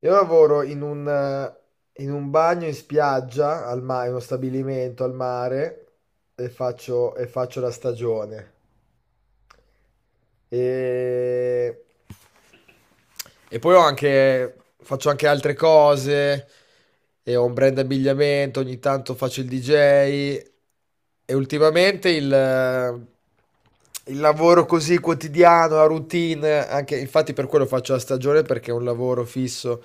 Io lavoro in un bagno in spiaggia, al mare, uno stabilimento al mare, e faccio la stagione. E, e poi ho anche, faccio anche altre cose, e ho un brand abbigliamento, ogni tanto faccio il DJ, e ultimamente il lavoro così quotidiano, la routine, anche, infatti per quello faccio la stagione, perché è un lavoro fisso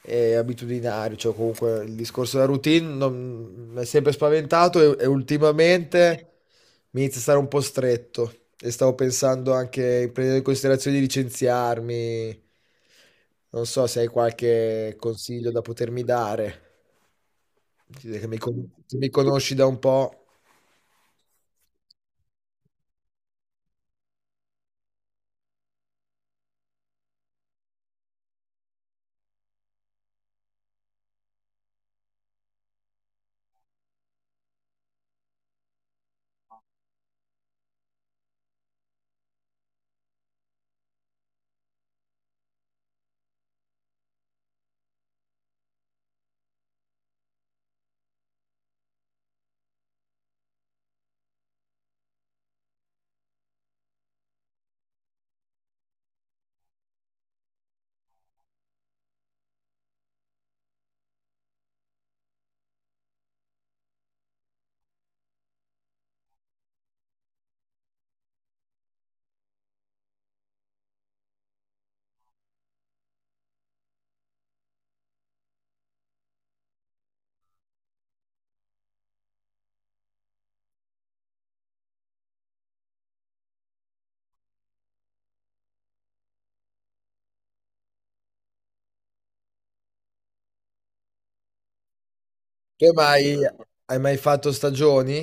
è abitudinario, cioè comunque il discorso della routine mi è sempre spaventato e ultimamente mi inizia a stare un po' stretto e stavo pensando anche, prendendo in considerazione di licenziarmi, non so se hai qualche consiglio da potermi dare, che mi, se mi conosci da un po'. Tu hai mai fatto stagioni?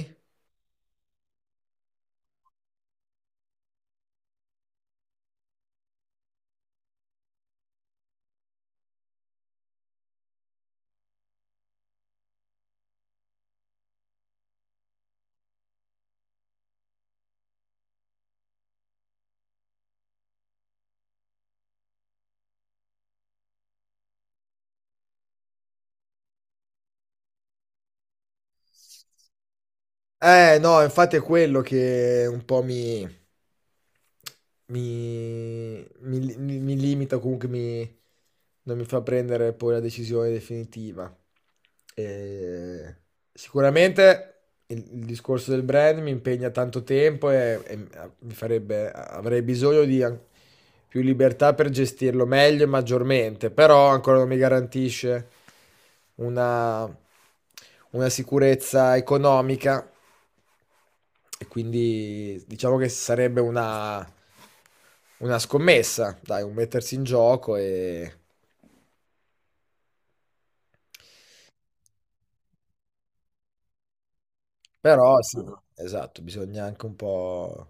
Eh no, infatti è quello che un po' mi limita comunque, mi, non mi fa prendere poi la decisione definitiva. E sicuramente il discorso del brand mi impegna tanto tempo e mi farebbe, avrei bisogno più libertà per gestirlo meglio e maggiormente, però ancora non mi garantisce una, una sicurezza economica e quindi diciamo che sarebbe una scommessa, dai, un mettersi in gioco e... Però sì. Mhm. Esatto, bisogna anche un po'...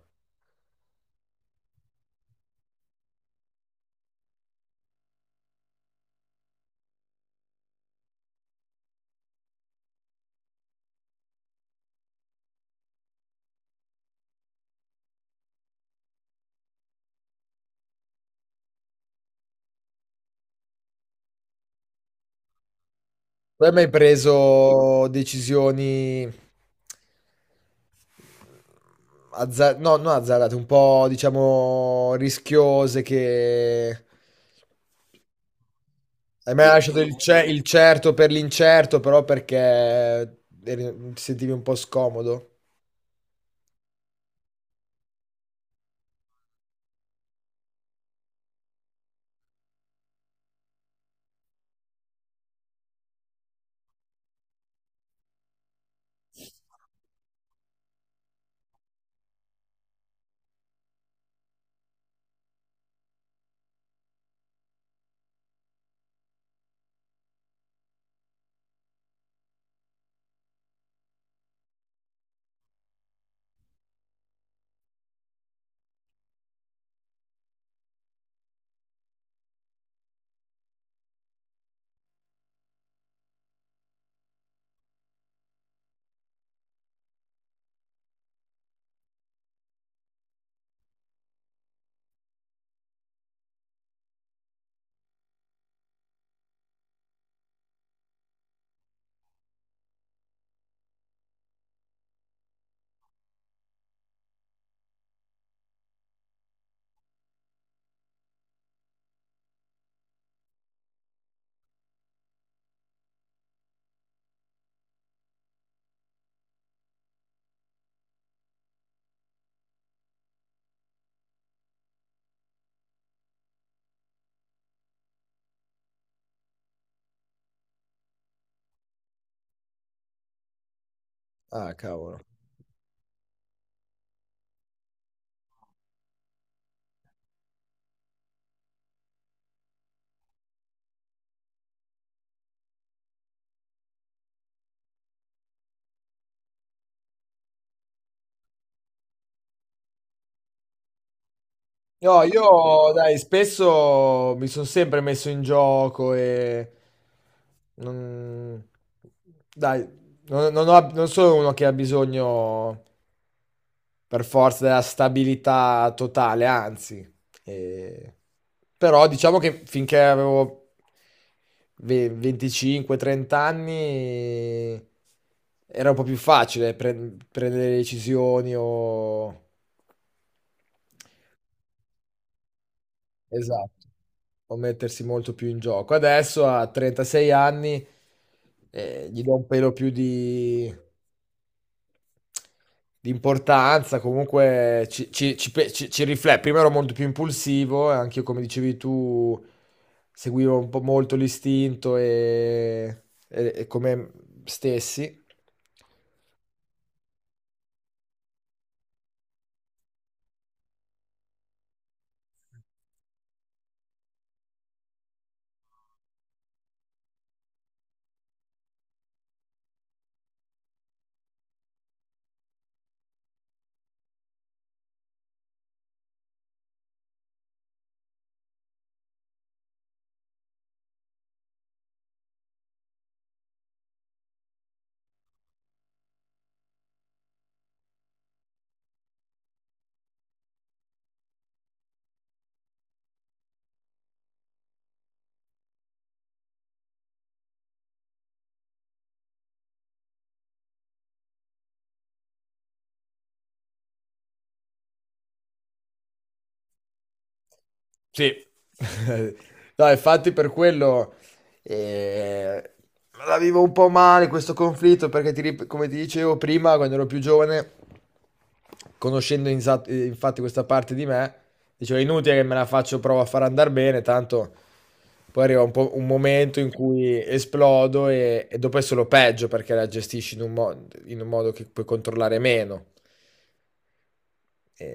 Tu hai mai preso decisioni no, non azzardate, un po', diciamo, rischiose che... Hai mai lasciato il certo per l'incerto, però perché ti sentivi un po' scomodo? Ah, cavolo. No, io dai, spesso mi sono sempre messo in gioco e non... Dai, non sono uno che ha bisogno per forza della stabilità totale, anzi. eh, Però diciamo che finché avevo 25-30 anni era un po' più facile prendere decisioni o... Esatto, può mettersi molto più in gioco. Adesso a 36 anni gli do un pelo più di importanza, comunque ci riflette. Prima ero molto più impulsivo, e anche io, come dicevi tu, seguivo un po' molto l'istinto e come stessi. Sì. No, infatti per quello eh, la vivo un po' male questo conflitto perché come ti dicevo prima, quando ero più giovane, infatti questa parte di me, dicevo è inutile che me la faccio, provo a far andare bene, tanto poi arriva po' un momento in cui esplodo e dopo è solo peggio perché la gestisci in in un modo che puoi controllare meno. E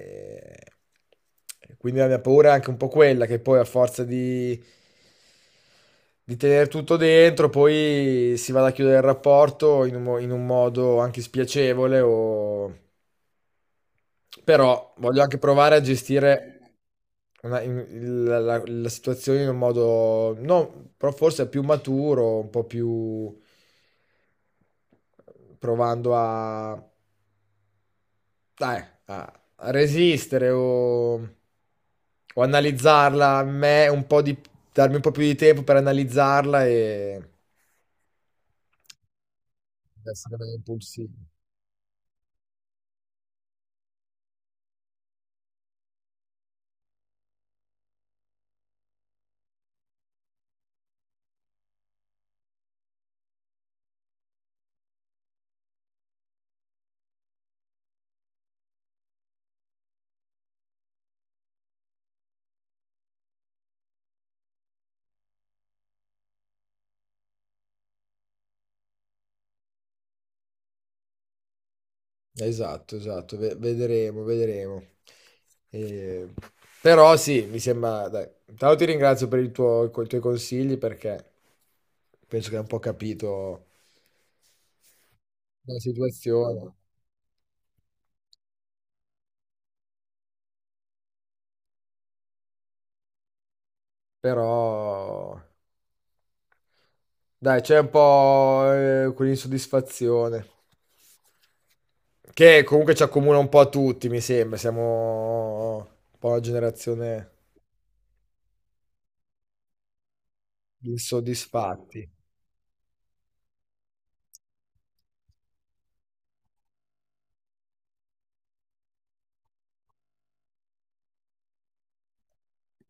quindi la mia paura è anche un po' quella, che poi a forza di tenere tutto dentro, poi si vada a chiudere il rapporto in in un modo anche spiacevole. O... Però voglio anche provare a gestire la situazione in un modo, no, però forse più maturo, un po' più provando a dai, a a resistere o analizzarla a me un po' di, darmi un po' più di tempo per analizzarla e essere meno impulsivo. Esatto, esatto, vedremo, vedremo. E- Però sì, mi sembra, dai, intanto ti ringrazio per il tuo, con i tuoi consigli perché penso che hai un po' capito la situazione, però dai, c'è un po' quell'insoddisfazione. Che comunque ci accomuna un po' a tutti, mi sembra. Siamo un po' una generazione di insoddisfatti.